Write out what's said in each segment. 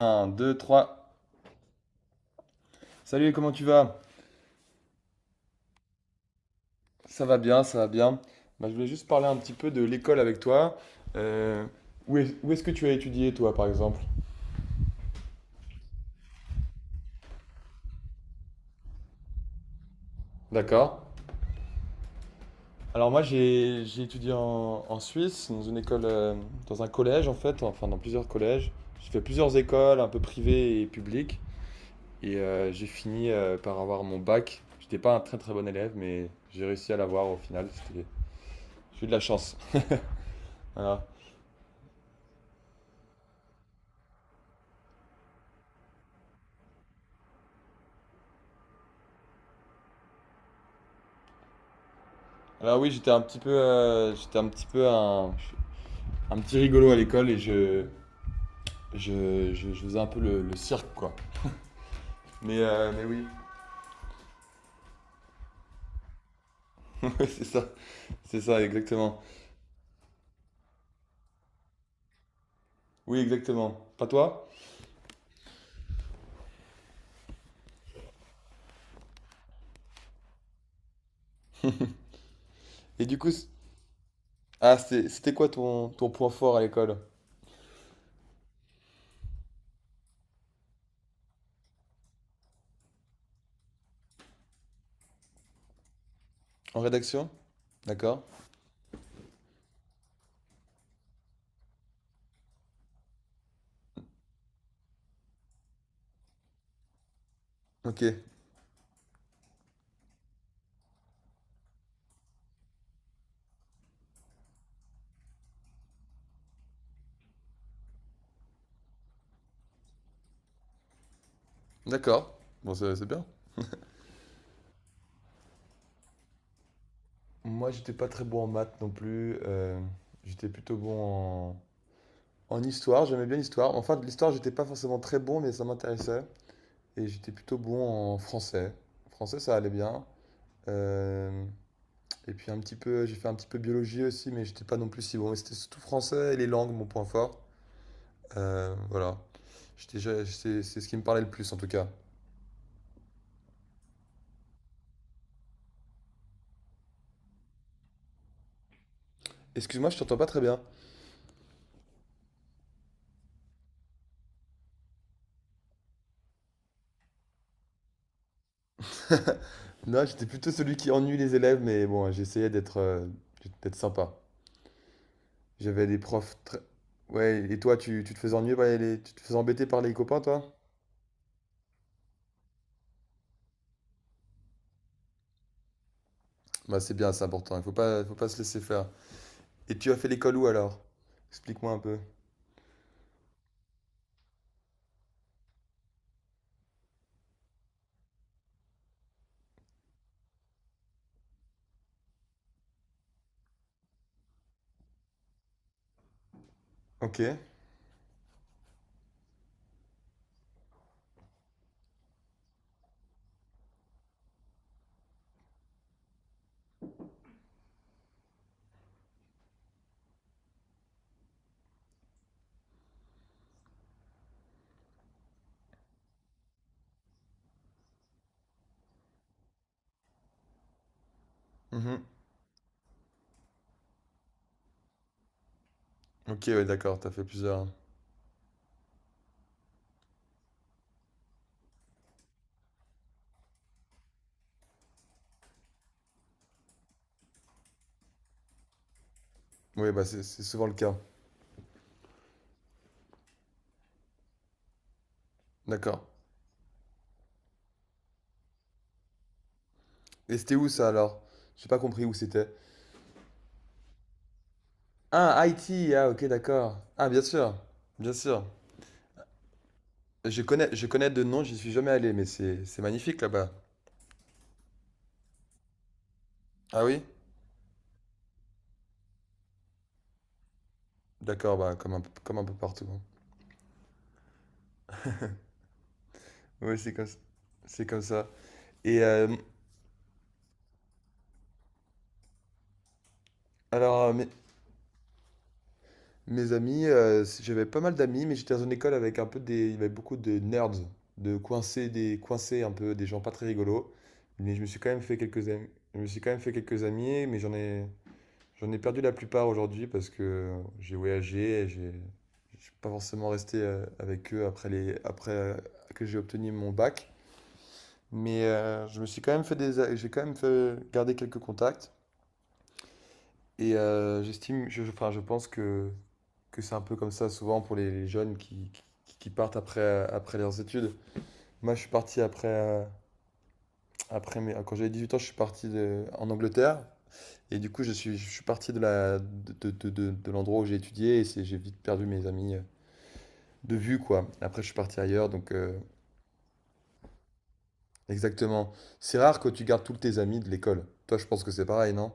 Un 2 3. Salut, comment tu vas? Ça va bien, ça va bien. Bah, je voulais juste parler un petit peu de l'école avec toi. Euh, Où est, où est-ce que tu as étudié, toi, par exemple? D'accord. Alors moi, j'ai étudié en, en Suisse, dans une école, dans un collège, en fait, enfin dans plusieurs collèges. J'ai fait plusieurs écoles, un peu privées et publiques. Et j'ai fini par avoir mon bac. J'étais pas un très très bon élève, mais j'ai réussi à l'avoir au final. C'était- J'ai eu de la chance. Voilà. Alors oui, j'étais un petit peu, j'étais un petit peu un petit rigolo à l'école et je faisais un peu le cirque, quoi. Mais oui, c'est ça, c'est ça, exactement. Oui, exactement. Pas toi? Et du coup, c- ah, c'était quoi ton, ton point fort à l'école? En rédaction? D'accord. Ok, d'accord. Bon, c'est bien. Moi, j'étais pas très bon en maths non plus. J'étais plutôt bon en, en histoire. J'aimais bien l'histoire. Enfin, de l'histoire, j'étais pas forcément très bon, mais ça m'intéressait. Et j'étais plutôt bon en français. Français, ça allait bien. Euh, Et puis un petit peu, j'ai fait un petit peu biologie aussi, mais j'étais pas non plus si bon. Mais c'était surtout français et les langues, mon point fort. Voilà. C'est ce qui me parlait le plus en tout cas. Excuse-moi, je t'entends pas très bien. Non, j'étais plutôt celui qui ennuie les élèves, mais bon, j'essayais d'être d'être sympa. J'avais des profs très... Ouais, et toi, tu te faisais ennuyer par les... Tu te faisais embêter par les copains, toi? Bah, c'est bien, c'est important. Il faut pas se laisser faire. Et tu as fait l'école où alors? Explique-moi un peu. Ok. Mhm. Ok, ouais, d'accord, t'as fait plusieurs. Oui, bah c'est souvent le cas. D'accord. Et c'était où ça alors? J'ai pas compris où c'était. Ah, Haïti. Ah, ok, d'accord. Ah, bien sûr. Bien sûr. Je connais de nom, j'y suis jamais allé, mais c'est magnifique là-bas. Ah oui? D'accord, bah comme un peu partout, hein. Oui, c'est comme ça. Et alors, euh, mais mes amis, j'avais pas mal d'amis, mais j'étais dans une école avec un peu des, il y avait beaucoup de nerds, de coincés, des coincés un peu, des gens pas très rigolos. Mais je me suis quand même fait quelques amis, je me suis quand même fait quelques amis, mais j'en ai perdu la plupart aujourd'hui parce que j'ai voyagé, et je suis pas forcément resté avec eux après les, après que j'ai obtenu mon bac. Mais je me suis quand même fait des, a- j'ai quand même fait garder quelques contacts et j'estime, enfin, je pense que c'est un peu comme ça souvent pour les jeunes qui partent après, après leurs études. Moi, je suis parti après, après mes, quand j'avais 18 ans, je suis parti de- en Angleterre. Et du coup, je suis parti de la, de l'endroit où j'ai étudié et c'est, j'ai vite perdu mes amis de vue, quoi. Après, je suis parti ailleurs, donc exactement. C'est rare que tu gardes tous tes amis de l'école. Toi, je pense que c'est pareil, non?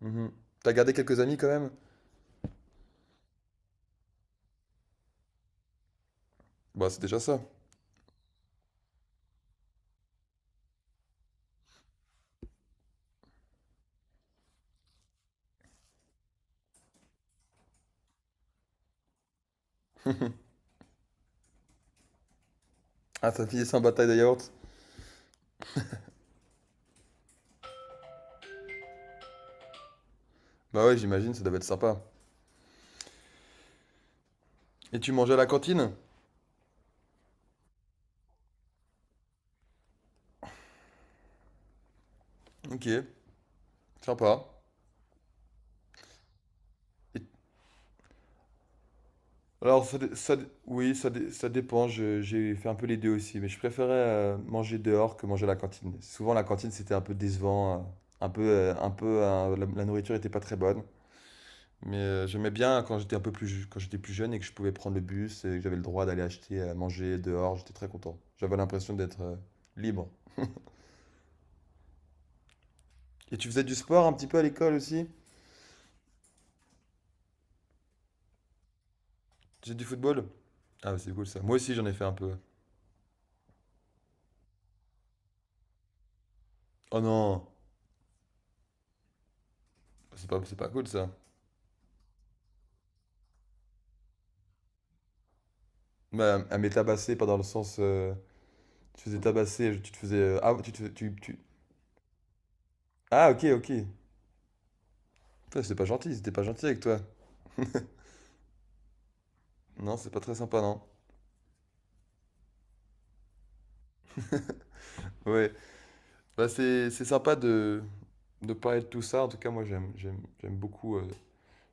Mhm. T'as gardé quelques amis quand même? Bah, c'est déjà ça. Ah, t'as filé ça en bataille de yaourt? Bah ouais, j'imagine, ça devait être sympa. Et tu mangeais à la cantine? Ok. Sympa. Et- Alors, ça dé- oui, ça, dé- ça dépend. J'ai fait un peu les deux aussi, mais je préférais manger dehors que manger à la cantine. Souvent, la cantine, c'était un peu décevant. La, la nourriture était pas très bonne. Mais j'aimais bien quand j'étais un peu plus, ju- quand j'étais plus jeune et que je pouvais prendre le bus et que j'avais le droit d'aller acheter à manger dehors. J'étais très content. J'avais l'impression d'être libre. Et tu faisais du sport un petit peu à l'école aussi? Tu faisais du football? Ah, c'est cool ça. Moi aussi, j'en ai fait un peu. Oh non, c'est pas cool ça. Bah, elle mais tabasser, pas dans le sens. Tu te faisais tabasser, tu te faisais. Ah, te fais- tu- Ah, ok, ok. Putain, c'est pas gentil, c'était pas gentil avec toi. Non, c'est pas très sympa, non. Ouais. Bah, c'est sympa de parler de tout ça. En tout cas, moi, j'aime j'aime j'aime beaucoup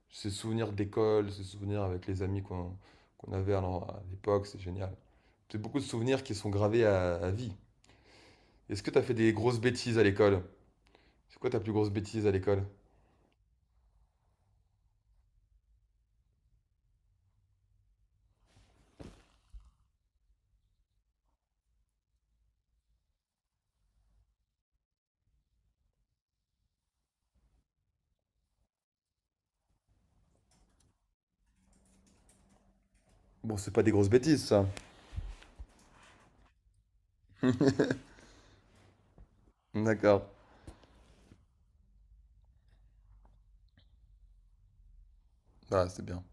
ces souvenirs d'école, ces souvenirs avec les amis qu'on qu'on avait à l'en- à l'époque. C'est génial. C'est beaucoup de souvenirs qui sont gravés à vie. Est-ce que t'as fait des grosses bêtises à l'école? C'est quoi ta plus grosse bêtise à l'école? Bon, c'est pas des grosses bêtises, ça. D'accord. Ah, c'est bien.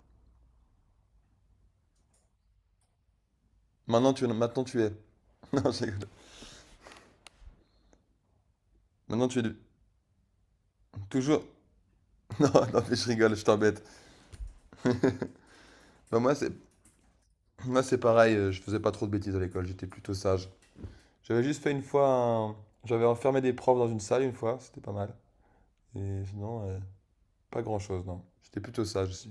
Maintenant tu es. Non, je rigole. Maintenant tu es du- toujours. Non, non, mais je rigole, je t'embête. moi, c'est Moi, c'est pareil, je faisais pas trop de bêtises à l'école, j'étais plutôt sage. J'avais juste fait une fois un- J'avais enfermé des profs dans une salle une fois, c'était pas mal. Et sinon, pas grand-chose, non. J'étais plutôt sage aussi.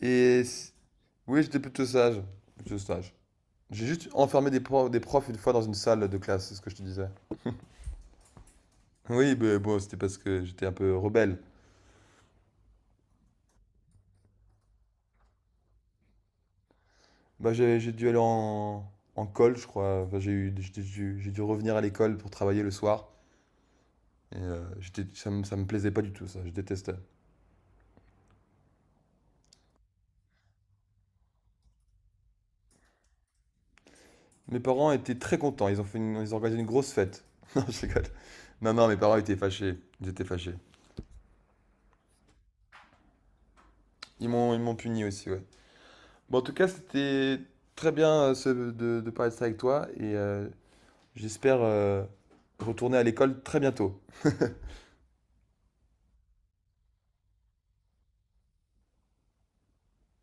Et si- oui, j'étais plutôt sage. Plutôt sage. J'ai juste enfermé des profs une fois dans une salle de classe, c'est ce que je te disais. Oui, mais bon, c'était parce que j'étais un peu rebelle. Bah, j'ai dû aller en, en colle, je crois. Enfin, j'ai eu, j'ai dû revenir à l'école pour travailler le soir. Et j'étais, ça me plaisait pas du tout, ça. Je détestais. Mes parents étaient très contents. Ils ont organisé une grosse fête. Non, je rigole. Non, non, mes parents étaient fâchés. Ils étaient fâchés. Ils m'ont puni aussi, ouais. Bon, en tout cas, c'était très bien de parler de ça avec toi. Et j'espère retourner à l'école très bientôt.